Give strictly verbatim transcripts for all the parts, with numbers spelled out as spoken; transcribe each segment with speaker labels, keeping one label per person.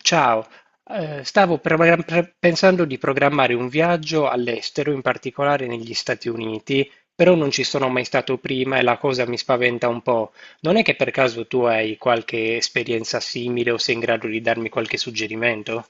Speaker 1: Ciao, eh, stavo progra- pre- pensando di programmare un viaggio all'estero, in particolare negli Stati Uniti, però non ci sono mai stato prima e la cosa mi spaventa un po'. Non è che per caso tu hai qualche esperienza simile o sei in grado di darmi qualche suggerimento?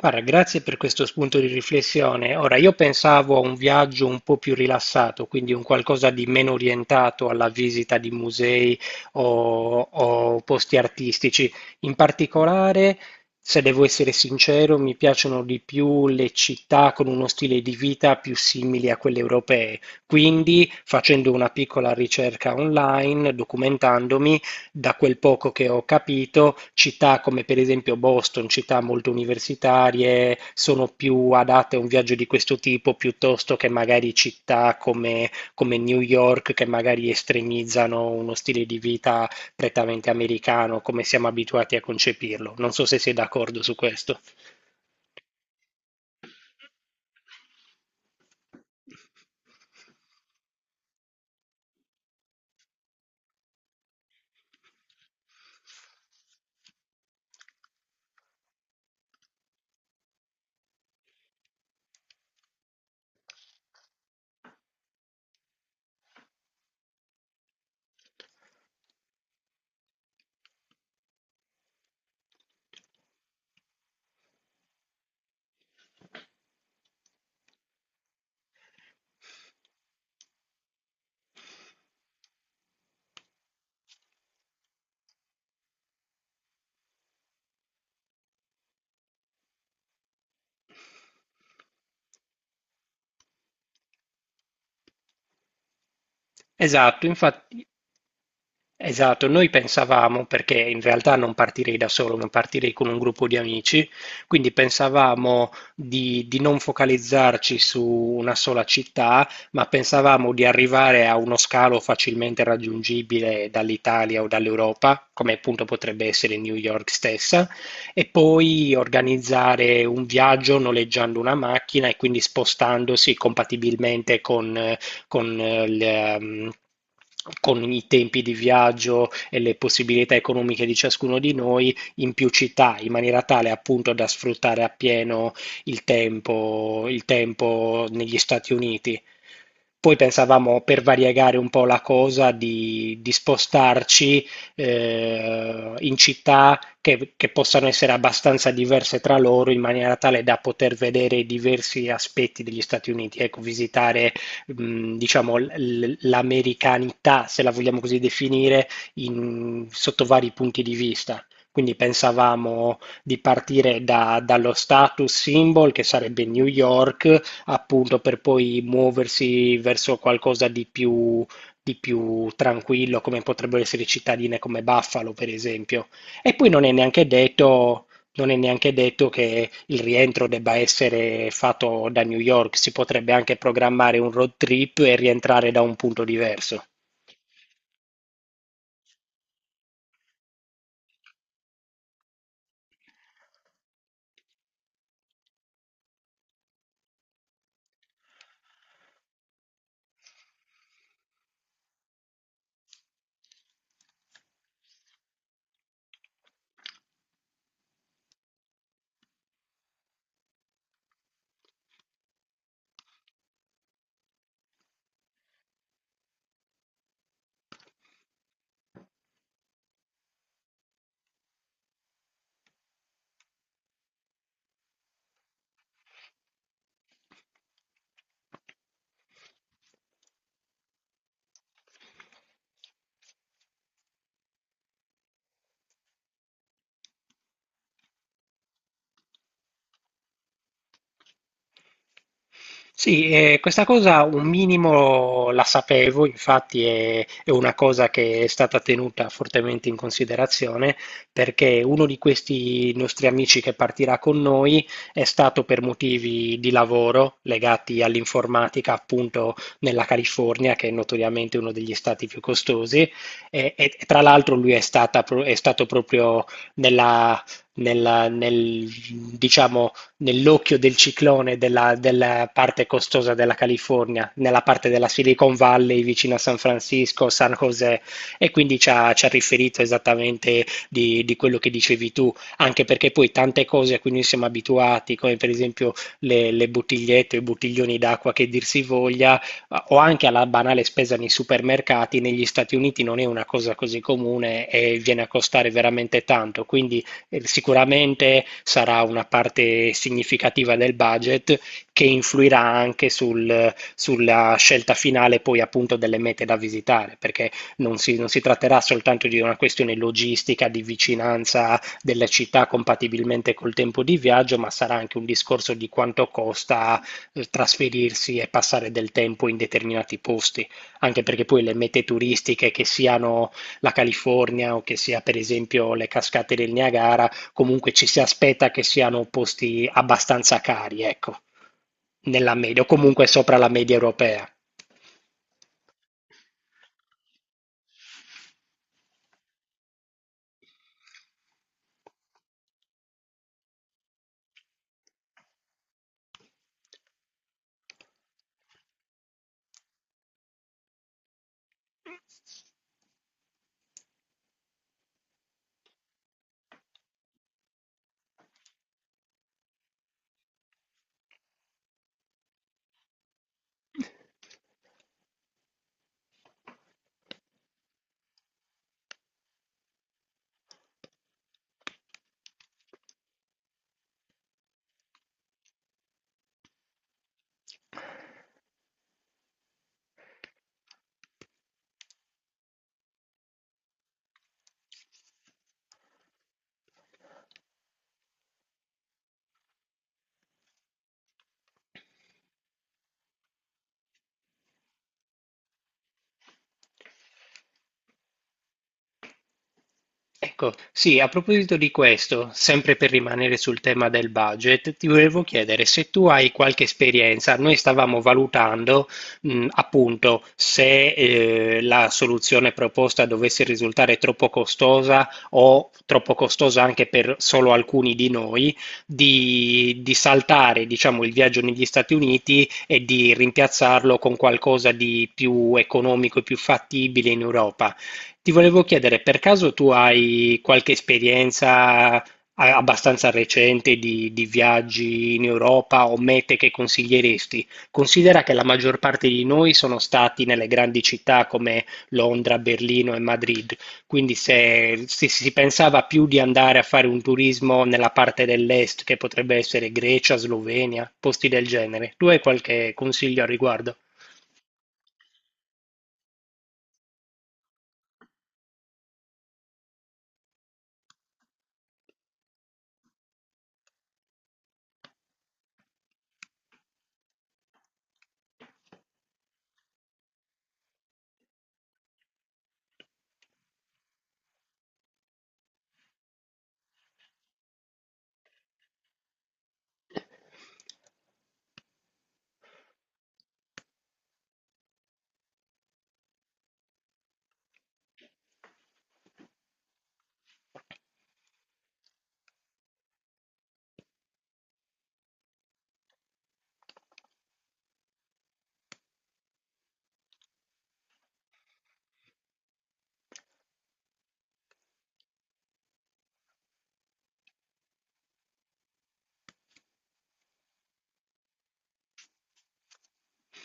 Speaker 1: Guarda, grazie per questo spunto di riflessione. Ora, io pensavo a un viaggio un po' più rilassato, quindi un qualcosa di meno orientato alla visita di musei o, o posti artistici. In particolare, se devo essere sincero, mi piacciono di più le città con uno stile di vita più simile a quelle europee. Quindi, facendo una piccola ricerca online, documentandomi, da quel poco che ho capito, città come per esempio Boston, città molto universitarie, sono più adatte a un viaggio di questo tipo piuttosto che magari città come, come New York, che magari estremizzano uno stile di vita prettamente americano, come siamo abituati a concepirlo. Non so se sei d'accordo su questo. Esatto, infatti. Esatto, noi pensavamo, perché in realtà non partirei da solo, ma partirei con un gruppo di amici, quindi pensavamo di, di non focalizzarci su una sola città, ma pensavamo di arrivare a uno scalo facilmente raggiungibile dall'Italia o dall'Europa, come appunto potrebbe essere New York stessa, e poi organizzare un viaggio noleggiando una macchina e quindi spostandosi compatibilmente con eh, con, eh, le, ehm, con i tempi di viaggio e le possibilità economiche di ciascuno di noi in più città, in maniera tale appunto da sfruttare appieno il tempo, il tempo negli Stati Uniti. Poi pensavamo, per variegare un po' la cosa, di, di spostarci eh, in città che, che possano essere abbastanza diverse tra loro in maniera tale da poter vedere i diversi aspetti degli Stati Uniti, ecco, visitare mh, diciamo, l- l'americanità, se la vogliamo così definire, in- sotto vari punti di vista. Quindi pensavamo di partire da- dallo status symbol, che sarebbe New York, appunto per poi muoversi verso qualcosa di più, di più tranquillo, come potrebbero essere cittadine come Buffalo, per esempio. E poi non è neanche detto non è neanche detto che il rientro debba essere fatto da New York, si potrebbe anche programmare un road trip e rientrare da un punto diverso. Sì, eh, questa cosa un minimo la sapevo, infatti è, è una cosa che è stata tenuta fortemente in considerazione perché uno di questi nostri amici che partirà con noi è stato per motivi di lavoro legati all'informatica appunto nella California, che è notoriamente uno degli stati più costosi, e, e- e tra l'altro lui è stata pro- è stato proprio nella nella- nel, diciamo, nell'occhio del ciclone della, della parte costosa della California, nella parte della Silicon Valley vicino a San Francisco, San José, e quindi ci ha, ci ha riferito esattamente di, di quello che dicevi tu, anche perché poi tante cose a cui noi siamo abituati, come per esempio le, le bottigliette o i bottiglioni d'acqua, che dir si voglia, o anche alla banale spesa nei supermercati, negli Stati Uniti non è una cosa così comune e viene a costare veramente tanto, quindi eh, sicuramente sarà una parte significativa del budget che influirà anche sul- sulla scelta finale, poi appunto, delle mete da visitare, perché non si, non si tratterà soltanto di una questione logistica, di vicinanza delle città compatibilmente col tempo di viaggio, ma sarà anche un discorso di quanto costa eh, trasferirsi e passare del tempo in determinati posti, anche perché poi le mete turistiche, che siano la California o che sia per esempio le cascate del Niagara, comunque ci si aspetta che siano posti abbastanza cari, ecco, nella media o comunque sopra la media europea. Ecco, sì, a proposito di questo, sempre per rimanere sul tema del budget, ti volevo chiedere se tu hai qualche esperienza. Noi stavamo valutando, mh, appunto, se, eh, la soluzione proposta dovesse risultare troppo costosa, o troppo costosa anche per solo alcuni di noi, di, di saltare, diciamo, il viaggio negli Stati Uniti e di rimpiazzarlo con qualcosa di più economico e più fattibile in Europa. Ti volevo chiedere, per caso tu hai qualche esperienza a- abbastanza recente di, di viaggi in Europa o mete che consiglieresti? Considera che la maggior parte di noi sono stati nelle grandi città come Londra, Berlino e Madrid, quindi se, se si pensava più di andare a fare un turismo nella parte dell'est, che potrebbe essere Grecia, Slovenia, posti del genere, tu hai qualche consiglio al riguardo?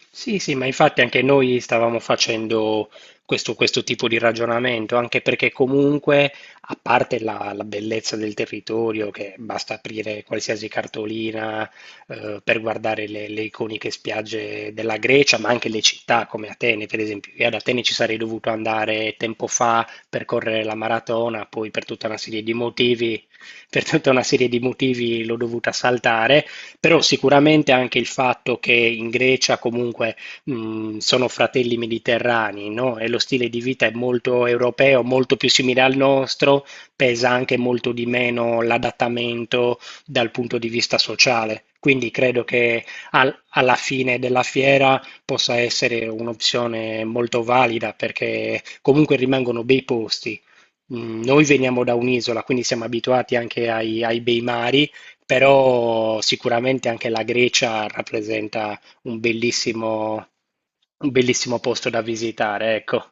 Speaker 1: Sì, sì, ma infatti anche noi stavamo facendo questo, questo tipo di ragionamento, anche perché comunque, a parte la, la bellezza del territorio, che basta aprire qualsiasi cartolina eh, per guardare le, le iconiche spiagge della Grecia, ma anche le città come Atene, per esempio. Io ad Atene ci sarei dovuto andare tempo fa per correre la maratona, poi per tutta una serie di motivi, per tutta una serie di motivi l'ho dovuta saltare. Però sicuramente anche il fatto che in Grecia comunque mh, sono fratelli mediterranei, no? E lo stile di vita è molto europeo, molto più simile al nostro, pesa anche molto di meno l'adattamento dal punto di vista sociale. Quindi credo che al- alla fine della fiera possa essere un'opzione molto valida, perché comunque rimangono bei posti. Mm, noi veniamo da un'isola, quindi siamo abituati anche ai, ai bei mari, però sicuramente anche la Grecia rappresenta un bellissimo, un bellissimo posto da visitare, ecco.